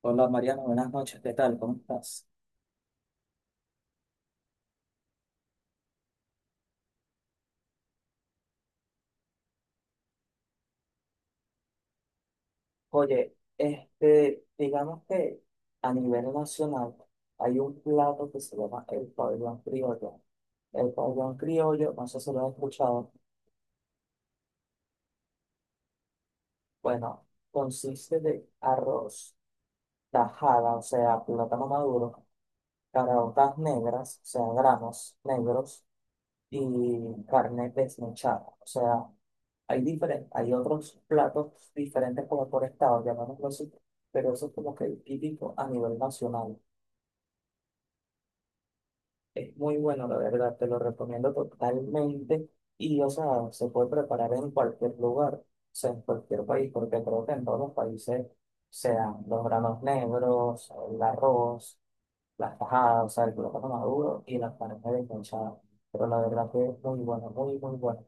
Hola Mariano, buenas noches, ¿qué tal? ¿Cómo estás? Oye, digamos que a nivel nacional hay un plato que se llama el pabellón criollo. El pabellón criollo, no sé si lo has escuchado, bueno, consiste de arroz, tajada, o sea, plátano maduro, caraotas negras, o sea, granos negros, y carne desmechada, o sea, hay diferentes, hay otros platos diferentes como por estado, llamémoslo así, pero eso es como que el típico a nivel nacional. Es muy bueno, la verdad, te lo recomiendo totalmente. Y, o sea, se puede preparar en cualquier lugar, o sea, en cualquier país, porque creo que en todos los países se dan los granos negros, el arroz, las tajadas, o sea, el plátano maduro y las carnes desmechadas. Pero la verdad que es muy bueno, muy, muy bueno.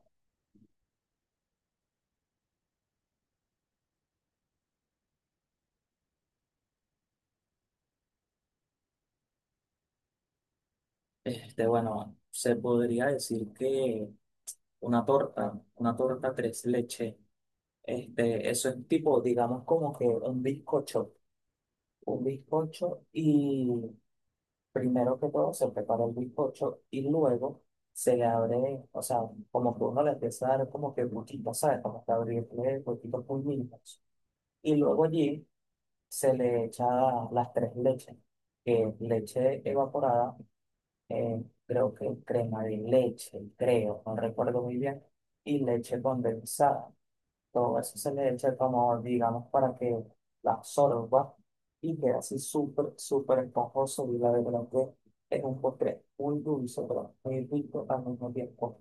Bueno, se podría decir que una torta tres leches. Eso es tipo, digamos, como que un bizcocho, un bizcocho, primero que todo se prepara el bizcocho y luego se le abre, o sea, como que uno le empieza a dar como que botitos, ¿sabes? Como que abrirle poquitos puñitos. Y luego allí se le echa las tres leches, que es leche evaporada, eh, creo que crema de leche, creo, no recuerdo muy bien, y leche condensada. Todo eso se le echa como, digamos, para que la absorba y quede así súper, súper esponjoso. Y la verdad que es un postre muy dulce, pero muy rico al mismo tiempo.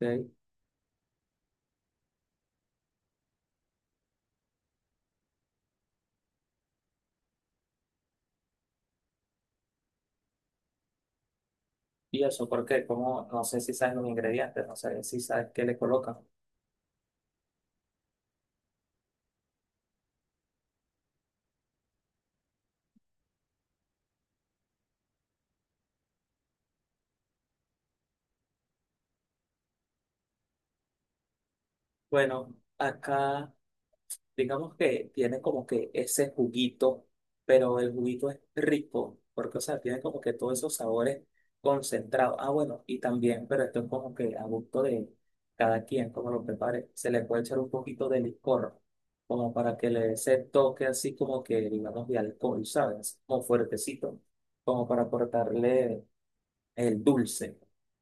Sí. ¿Y eso por qué? Como, no sé si saben los ingredientes, no sé si sabes qué le colocan. Bueno, acá digamos que tiene como que ese juguito, pero el juguito es rico, porque, o sea, tiene como que todos esos sabores concentrados. Ah, bueno, y también, pero esto es como que a gusto de cada quien, como lo prepare, se le puede echar un poquito de licor, como para que le dé ese toque así como que, digamos, de alcohol, ¿sabes? Como fuertecito, como para aportarle el dulce,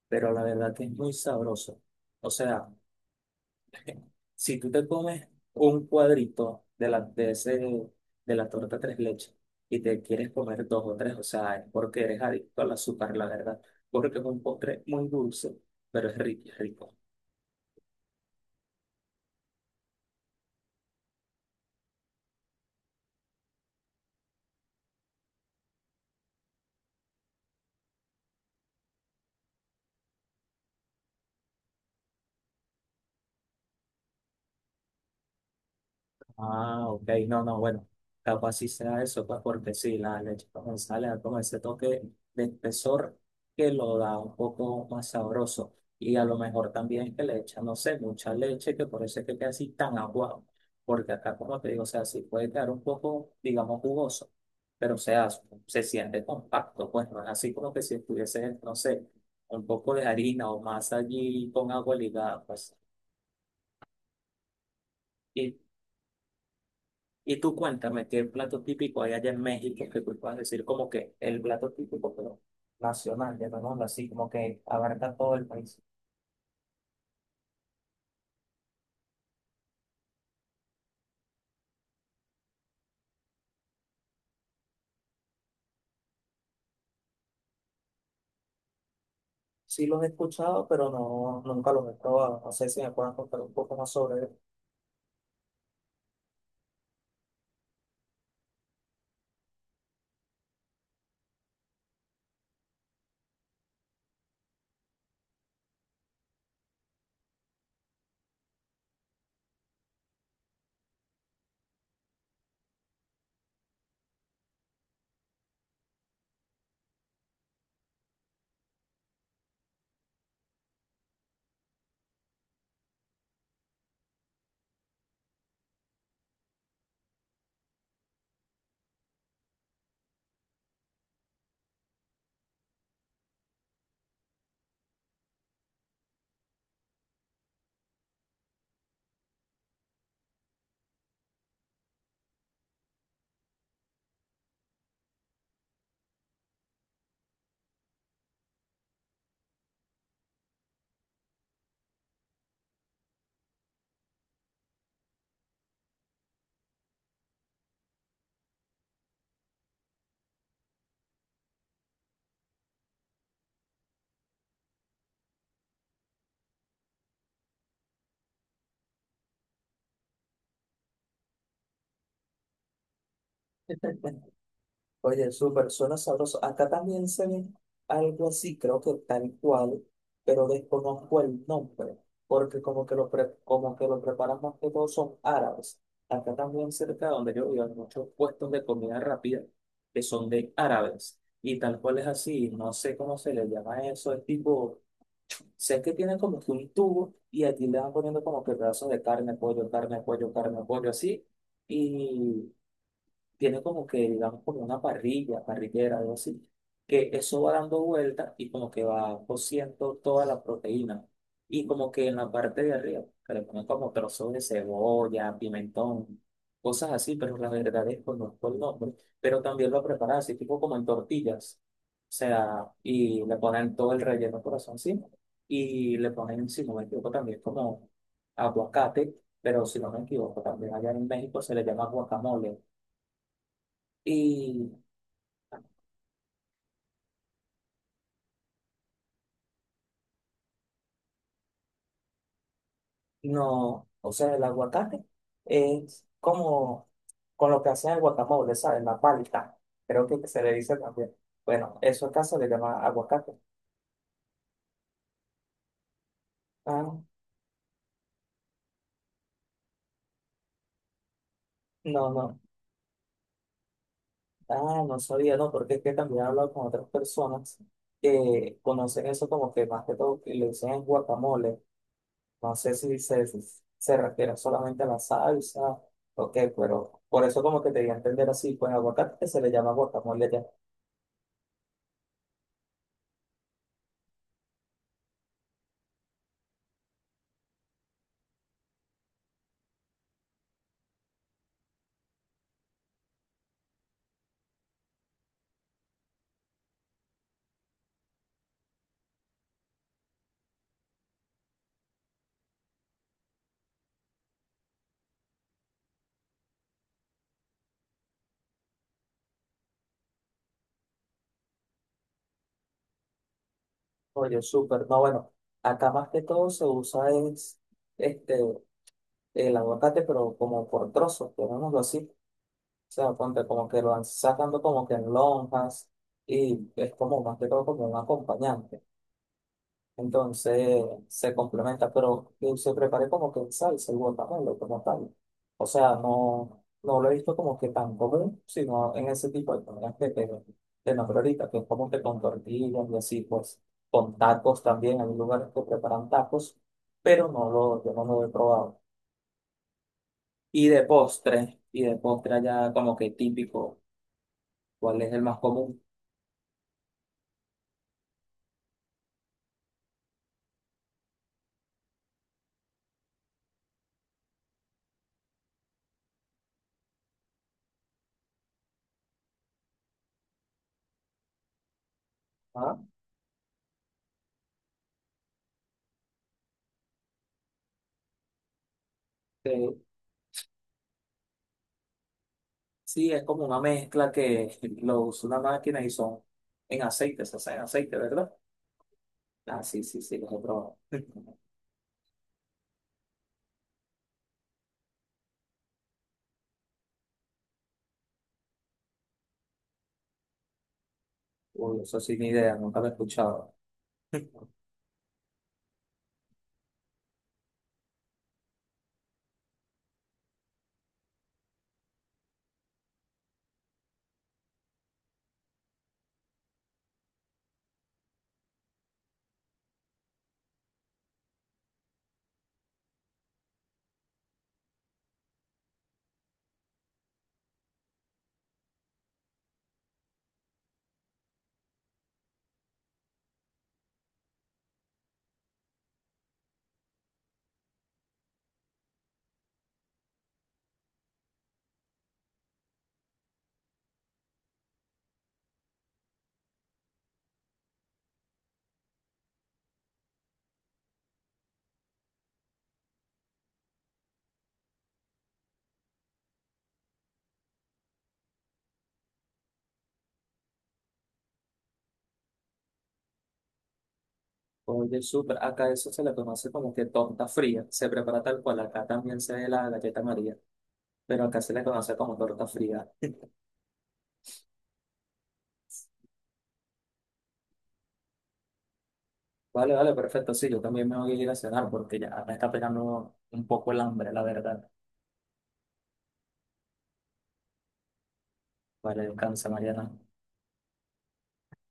pero la verdad que es muy sabroso. O sea, si tú te comes un cuadrito de de la torta tres leches y te quieres comer dos o tres, o sea, es porque eres adicto al azúcar, la verdad. Porque es un postre muy dulce, pero es rico, es rico. Ah, ok, no, no, bueno, capaz sí sea eso, pues porque sí, la leche condensada le da como ese toque de espesor que lo da un poco más sabroso. Y a lo mejor también que le echan, no sé, mucha leche, que por eso es que queda así tan aguado. Porque acá, como te digo, o sea, sí puede quedar un poco, digamos, jugoso, pero o sea, se siente compacto, pues no es así como que si estuviese, no sé, un poco de harina o masa allí con agua ligada, pues. y Y tú cuéntame qué plato típico hay allá en México que tú puedas decir como que el plato típico, pero nacional, llamémoslo así, como que abarca todo el país. Sí los he escuchado, pero no, nunca los he probado. No sé si me puedan contar un poco más sobre él. Oye, súper, suena sabroso. Acá también se ve algo así, creo que tal cual, pero desconozco el nombre, porque como que como que lo preparan más que todo son árabes. Acá también cerca de donde yo vivo hay muchos puestos de comida rápida que son de árabes. Y tal cual es así, no sé cómo se le llama eso, es tipo, sé que tienen como que un tubo y aquí le van poniendo como que pedazos de carne, pollo, carne, pollo, carne, pollo, así. y Tiene como que, digamos, como una parrilla, parrillera, algo así, que eso va dando vueltas y como que va cociendo toda la proteína. Y como que en la parte de arriba, que le ponen como trozos de cebolla, pimentón, cosas así, pero la verdad es que conozco el nombre. Pero también lo preparan así, tipo como en tortillas. O sea, y le ponen todo el relleno corazón encima. Y le ponen, si no me equivoco, también como aguacate, pero si no me equivoco, también allá en México se le llama guacamole y no, o sea, el aguacate es como con lo que hacen el guacamole, ¿sabes? La palta, creo que se le dice también. Bueno, eso acá se le llama aguacate. Ah, no, no, ah, no sabía, no, porque es que también he hablado con otras personas que conocen eso como que más que todo que le dicen es guacamole. No sé si se refiere solamente a la salsa, ok, pero por eso como que te di a entender así, pues aguacate que se le llama guacamole. Oye, súper. No, bueno, acá más que todo se usa es este, el aguacate, pero como por trozos, llamémoslo así. O sea, ponte como que lo van sacando como que en lonjas y es como más que todo como un acompañante. Entonces se complementa, pero yo se preparé como que el salsa, el guacamole como tal. O sea, no, no lo he visto como que tan común, sino en ese tipo de comidas que te nombré ahorita, que es como que con tortillas y así, pues con tacos también. Hay lugares que preparan tacos, pero yo no lo he probado. Y de postre allá como que típico, ¿cuál es el más común? ¿Ah? Sí, es como una mezcla que lo usa una máquina y son en aceite, se hace en aceite, ¿verdad? Ah, sí, sí, sí, los he probado. Uy, eso sin idea, nunca lo he escuchado. Oye, súper, acá eso se le conoce como que torta fría, se prepara tal cual, acá también se ve la galleta María, pero acá se le conoce como torta fría. Vale, vale, perfecto, sí, yo también me voy a ir a cenar porque ya me está pegando un poco el hambre, la verdad. Vale, descansa, Mariana.